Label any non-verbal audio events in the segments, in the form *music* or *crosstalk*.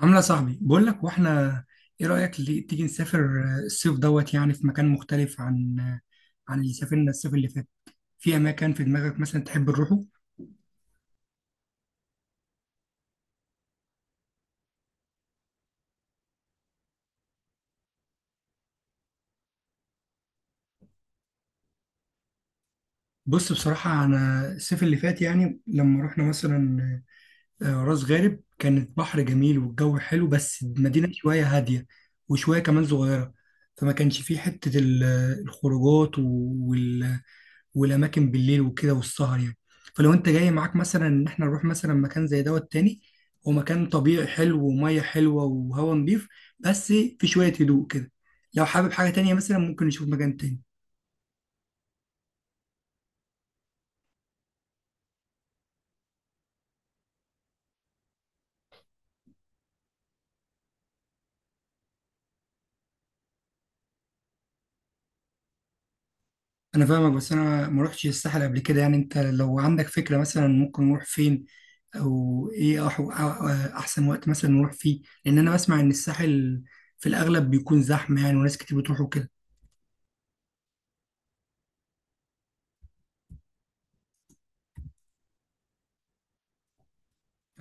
عاملة صاحبي بقول لك واحنا، ايه رأيك اللي تيجي نسافر الصيف دوت يعني في مكان مختلف عن اللي سافرنا الصيف اللي فات؟ في اماكن في دماغك مثلا تحب نروحه؟ بص، بصراحة انا الصيف اللي فات يعني لما رحنا مثلا راس غارب، كانت بحر جميل والجو حلو، بس المدينة شوية هادية وشوية كمان صغيرة، فما كانش فيه حتة الخروجات والاماكن بالليل وكده والسهر يعني. فلو انت جاي معاك مثلا ان احنا نروح مثلا مكان زي دوت تاني، هو مكان طبيعي حلو وميه حلوه وهوا نضيف، بس في شويه هدوء كده. لو حابب حاجه تانية مثلا ممكن نشوف مكان تاني. انا فاهمك، بس انا ما رحتش الساحل قبل كده يعني، انت لو عندك فكره مثلا ممكن نروح فين؟ او ايه احسن وقت مثلا نروح فيه، لان انا بسمع ان الساحل في الاغلب بيكون زحمه يعني، وناس كتير بتروح وكده.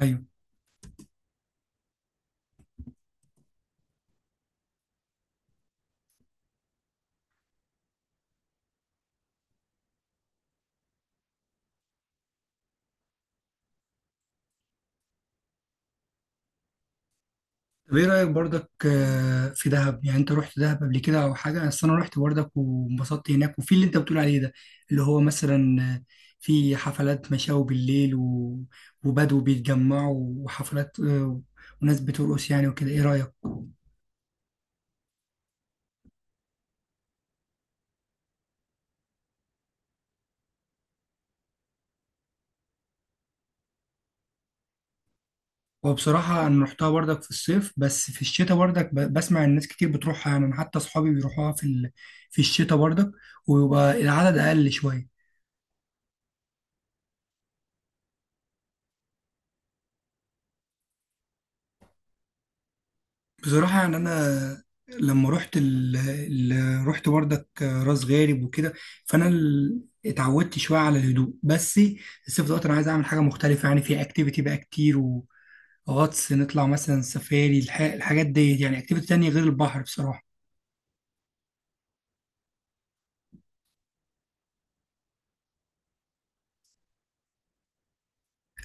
ايوه. طب ايه رأيك برضك في دهب؟ يعني انت رحت دهب قبل كده او حاجة؟ اصل انا رحت برضك وانبسطت هناك، وفي اللي انت بتقول عليه ده، اللي هو مثلا في حفلات مشاوي بالليل وبدو بيتجمعوا، وحفلات وناس بترقص يعني وكده، ايه رأيك؟ وبصراحة انا رحتها برضك في الصيف، بس في الشتاء برضك بسمع الناس كتير بتروحها يعني، انا حتى اصحابي بيروحوها في في الشتاء برضك، ويبقى العدد اقل شوية. بصراحة يعني أنا لما رحت بردك راس غارب وكده، فأنا اتعودت شوية على الهدوء. بس الصيف دوت أنا عايز أعمل حاجة مختلفة، يعني في أكتيفيتي بقى كتير، وغطس، نطلع مثلا سفاري، الحاجات دي يعني، أكتيفيتي تانية غير البحر بصراحة.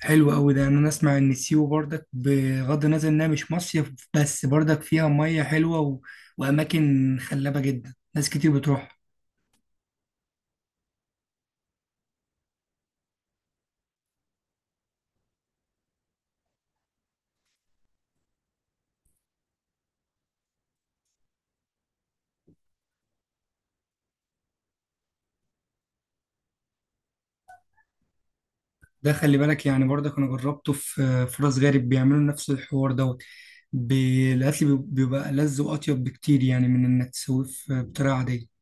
حلو أوي ده، يعني أنا أسمع إن سيوة بردك، بغض النظر إنها مش مصيف، بس بردك فيها مية حلوة وأماكن خلابة جدا، ناس كتير بتروح. ده خلي بالك يعني، برضك انا جربته في راس غارب، بيعملوا نفس الحوار دوت. الاكل بيبقى لذ واطيب بكتير يعني، من انك تسويه في بطريقه عاديه.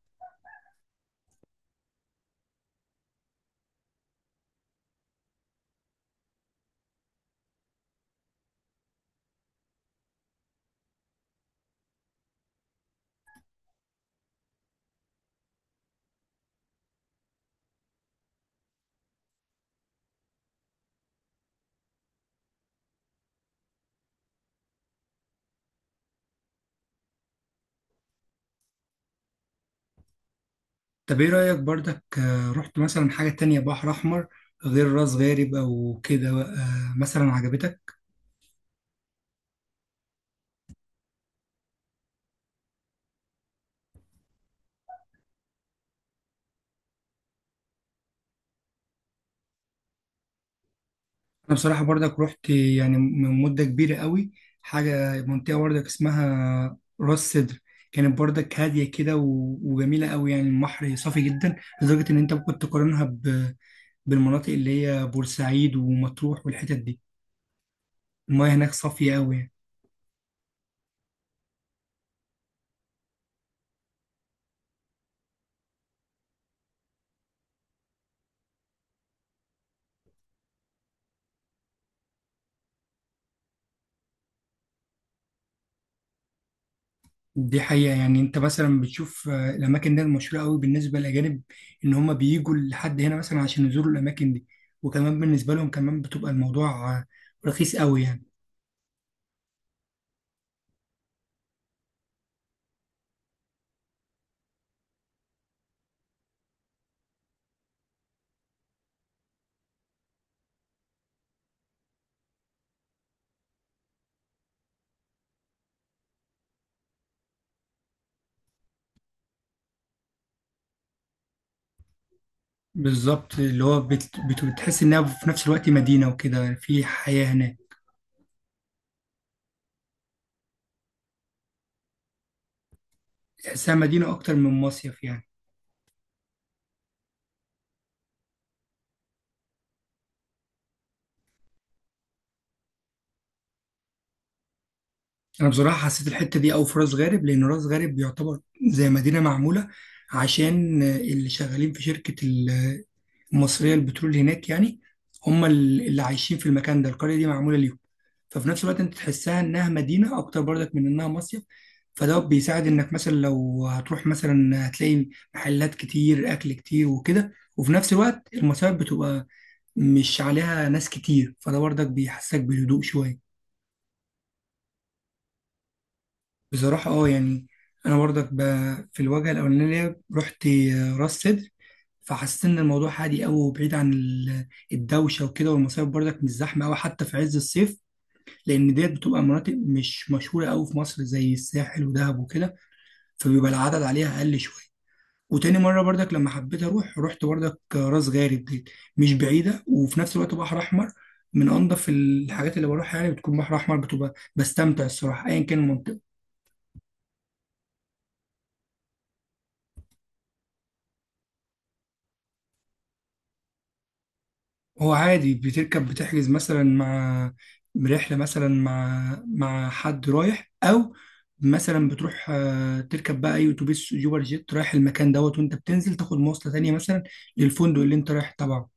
طب ايه رايك برضك رحت مثلا حاجه تانية بحر احمر غير راس غارب او كده مثلا، عجبتك؟ انا بصراحه برضك رحت يعني من مده كبيره قوي، حاجه منطقه برضك اسمها راس سدر، كانت برضك هاديه كده وجميله قوي يعني، البحر صافي جدا لدرجه ان انت ممكن تقارنها بالمناطق اللي هي بورسعيد ومطروح والحتت دي. المياه هناك صافية قوي يعني. دي حقيقة يعني، انت مثلا بتشوف الأماكن دي مشهورة قوي بالنسبة للأجانب، إن هما بييجوا لحد هنا مثلا عشان يزوروا الأماكن دي، وكمان بالنسبة لهم كمان بتبقى الموضوع رخيص قوي يعني. بالظبط، اللي هو بتحس إنها في نفس الوقت مدينة وكده، يعني في حياة هناك. تحسها مدينة أكتر من مصيف يعني. أنا بصراحة حسيت الحتة دي أوي في راس غارب، لأن راس غارب يعتبر زي مدينة معمولة عشان اللي شغالين في شركة المصريه للبترول هناك يعني، هم اللي عايشين في المكان ده، القريه دي معموله ليهم. ففي نفس الوقت انت تحسها انها مدينه اكتر برضك من انها مصيف. فده بيساعد انك مثلا لو هتروح مثلا هتلاقي محلات كتير، اكل كتير وكده، وفي نفس الوقت المصايف بتبقى مش عليها ناس كتير، فده برضك بيحسسك بالهدوء شويه. بصراحة اه يعني. أنا برضك في الوجهة الأولانية رحت راس سدر، فحسيت إن الموضوع هادي أوي وبعيد عن الدوشة وكده، والمصايف برضك مش زحمة أوي حتى في عز الصيف، لأن ديت بتبقى مناطق مش مشهورة أوي في مصر زي الساحل ودهب وكده، فبيبقى العدد عليها أقل شوية. وتاني مرة برضك لما حبيت أروح رحت برضك راس غارب ديت، مش بعيدة وفي نفس الوقت بحر أحمر من أنضف الحاجات اللي بروحها يعني. بتكون بحر أحمر، بتبقى بستمتع الصراحة أيا كان المنطقة. هو عادي بتركب، بتحجز مثلا مع برحلة مثلا مع حد رايح، أو مثلا بتروح تركب بقى أي أتوبيس يوبر جيت رايح المكان دوت، وأنت بتنزل تاخد مواصلة تانية مثلا للفندق اللي أنت رايح تبعه.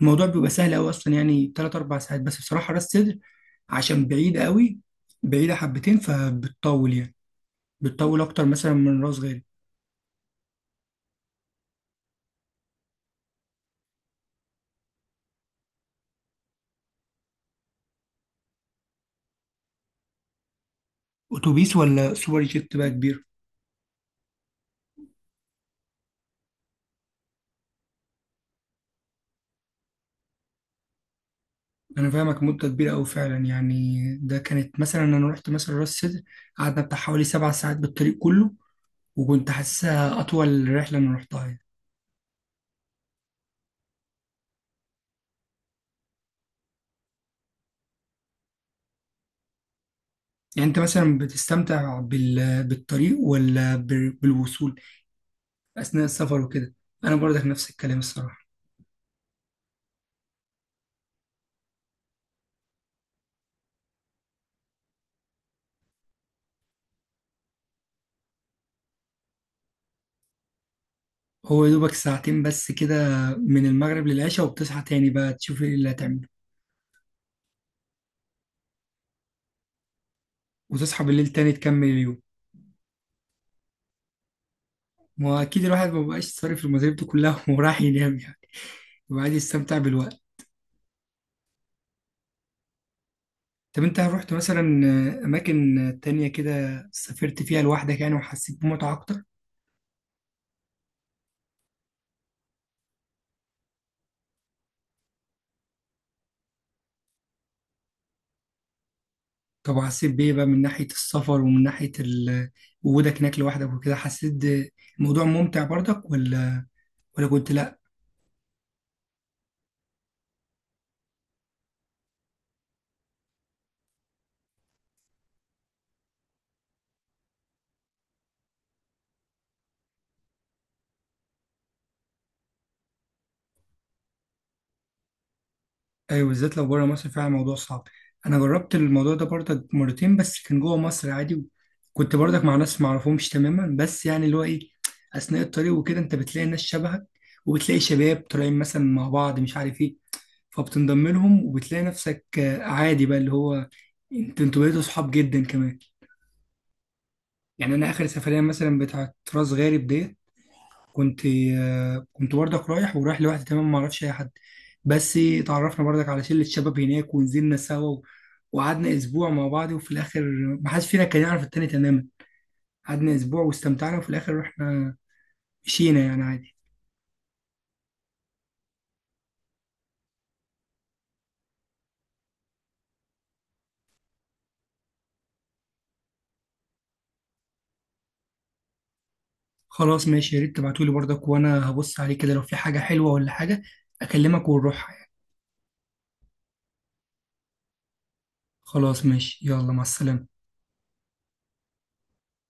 الموضوع بيبقى سهل أوي أصلا، يعني تلات أربع ساعات بس. بصراحة راس سدر عشان بعيدة أوي، بعيدة حبتين فبتطول يعني، بتطول أكتر مثلا من راس غارب. أتوبيس ولا سوبر جيت بقى كبير؟ انا فاهمك، مده كبيره قوي فعلا يعني. ده كانت مثلا انا رحت مثلا راس سدر، قعدنا بتاع حوالي سبع ساعات بالطريق كله، وكنت حاسسها اطول رحله انا رحتها يعني. يعني انت مثلا بتستمتع بالطريق ولا بالوصول اثناء السفر وكده؟ انا برضك نفس الكلام الصراحه. هو يا دوبك ساعتين بس كده من المغرب للعشاء، وبتصحى تاني بقى تشوف ايه اللي هتعمله. وتصحى بالليل تاني تكمل اليوم. واكيد الواحد ما بقاش صارف المصاريف دي كلها *laughs* وراح ينام يعني، وقاعد يستمتع بالوقت. طب انت رحت مثلا اماكن تانية كده سافرت فيها لوحدك يعني، وحسيت بمتعة اكتر؟ طب وحسيت بايه بقى من ناحية السفر ومن ناحية وجودك هناك لوحدك وكده؟ حسيت الموضوع ممتع برضك ولا كنت لا؟ ايوه، بالذات لو بره مصر فعلا الموضوع صعب. انا جربت الموضوع ده برضك مرتين، بس كان جوه مصر عادي. كنت برضك مع ناس ما اعرفهمش تماما، بس يعني اللي هو ايه، اثناء الطريق وكده انت بتلاقي ناس شبهك، وبتلاقي شباب طالعين مثلا مع بعض مش عارف ايه، فبتنضم لهم وبتلاقي نفسك عادي بقى، اللي هو انت انتوا بقيتوا صحاب جدا كمان يعني. انا اخر سفرية مثلا بتاعت راس غارب ديت كنت كنت برضك رايح، ورايح لوحدي تمام ما اعرفش اي حد، بس اتعرفنا برضك على شلة شباب هناك، ونزلنا سوا وقعدنا اسبوع مع بعض، وفي الاخر ما حدش فينا كان يعرف التاني تماما، قعدنا اسبوع واستمتعنا وفي الاخر رحنا، مشينا يعني عادي. خلاص ماشي، يا ريت تبعتولي برضك وانا هبص عليه كده، لو في حاجة حلوة ولا حاجة اكلمك ونروح. خلاص ماشي، يلا مع السلامة.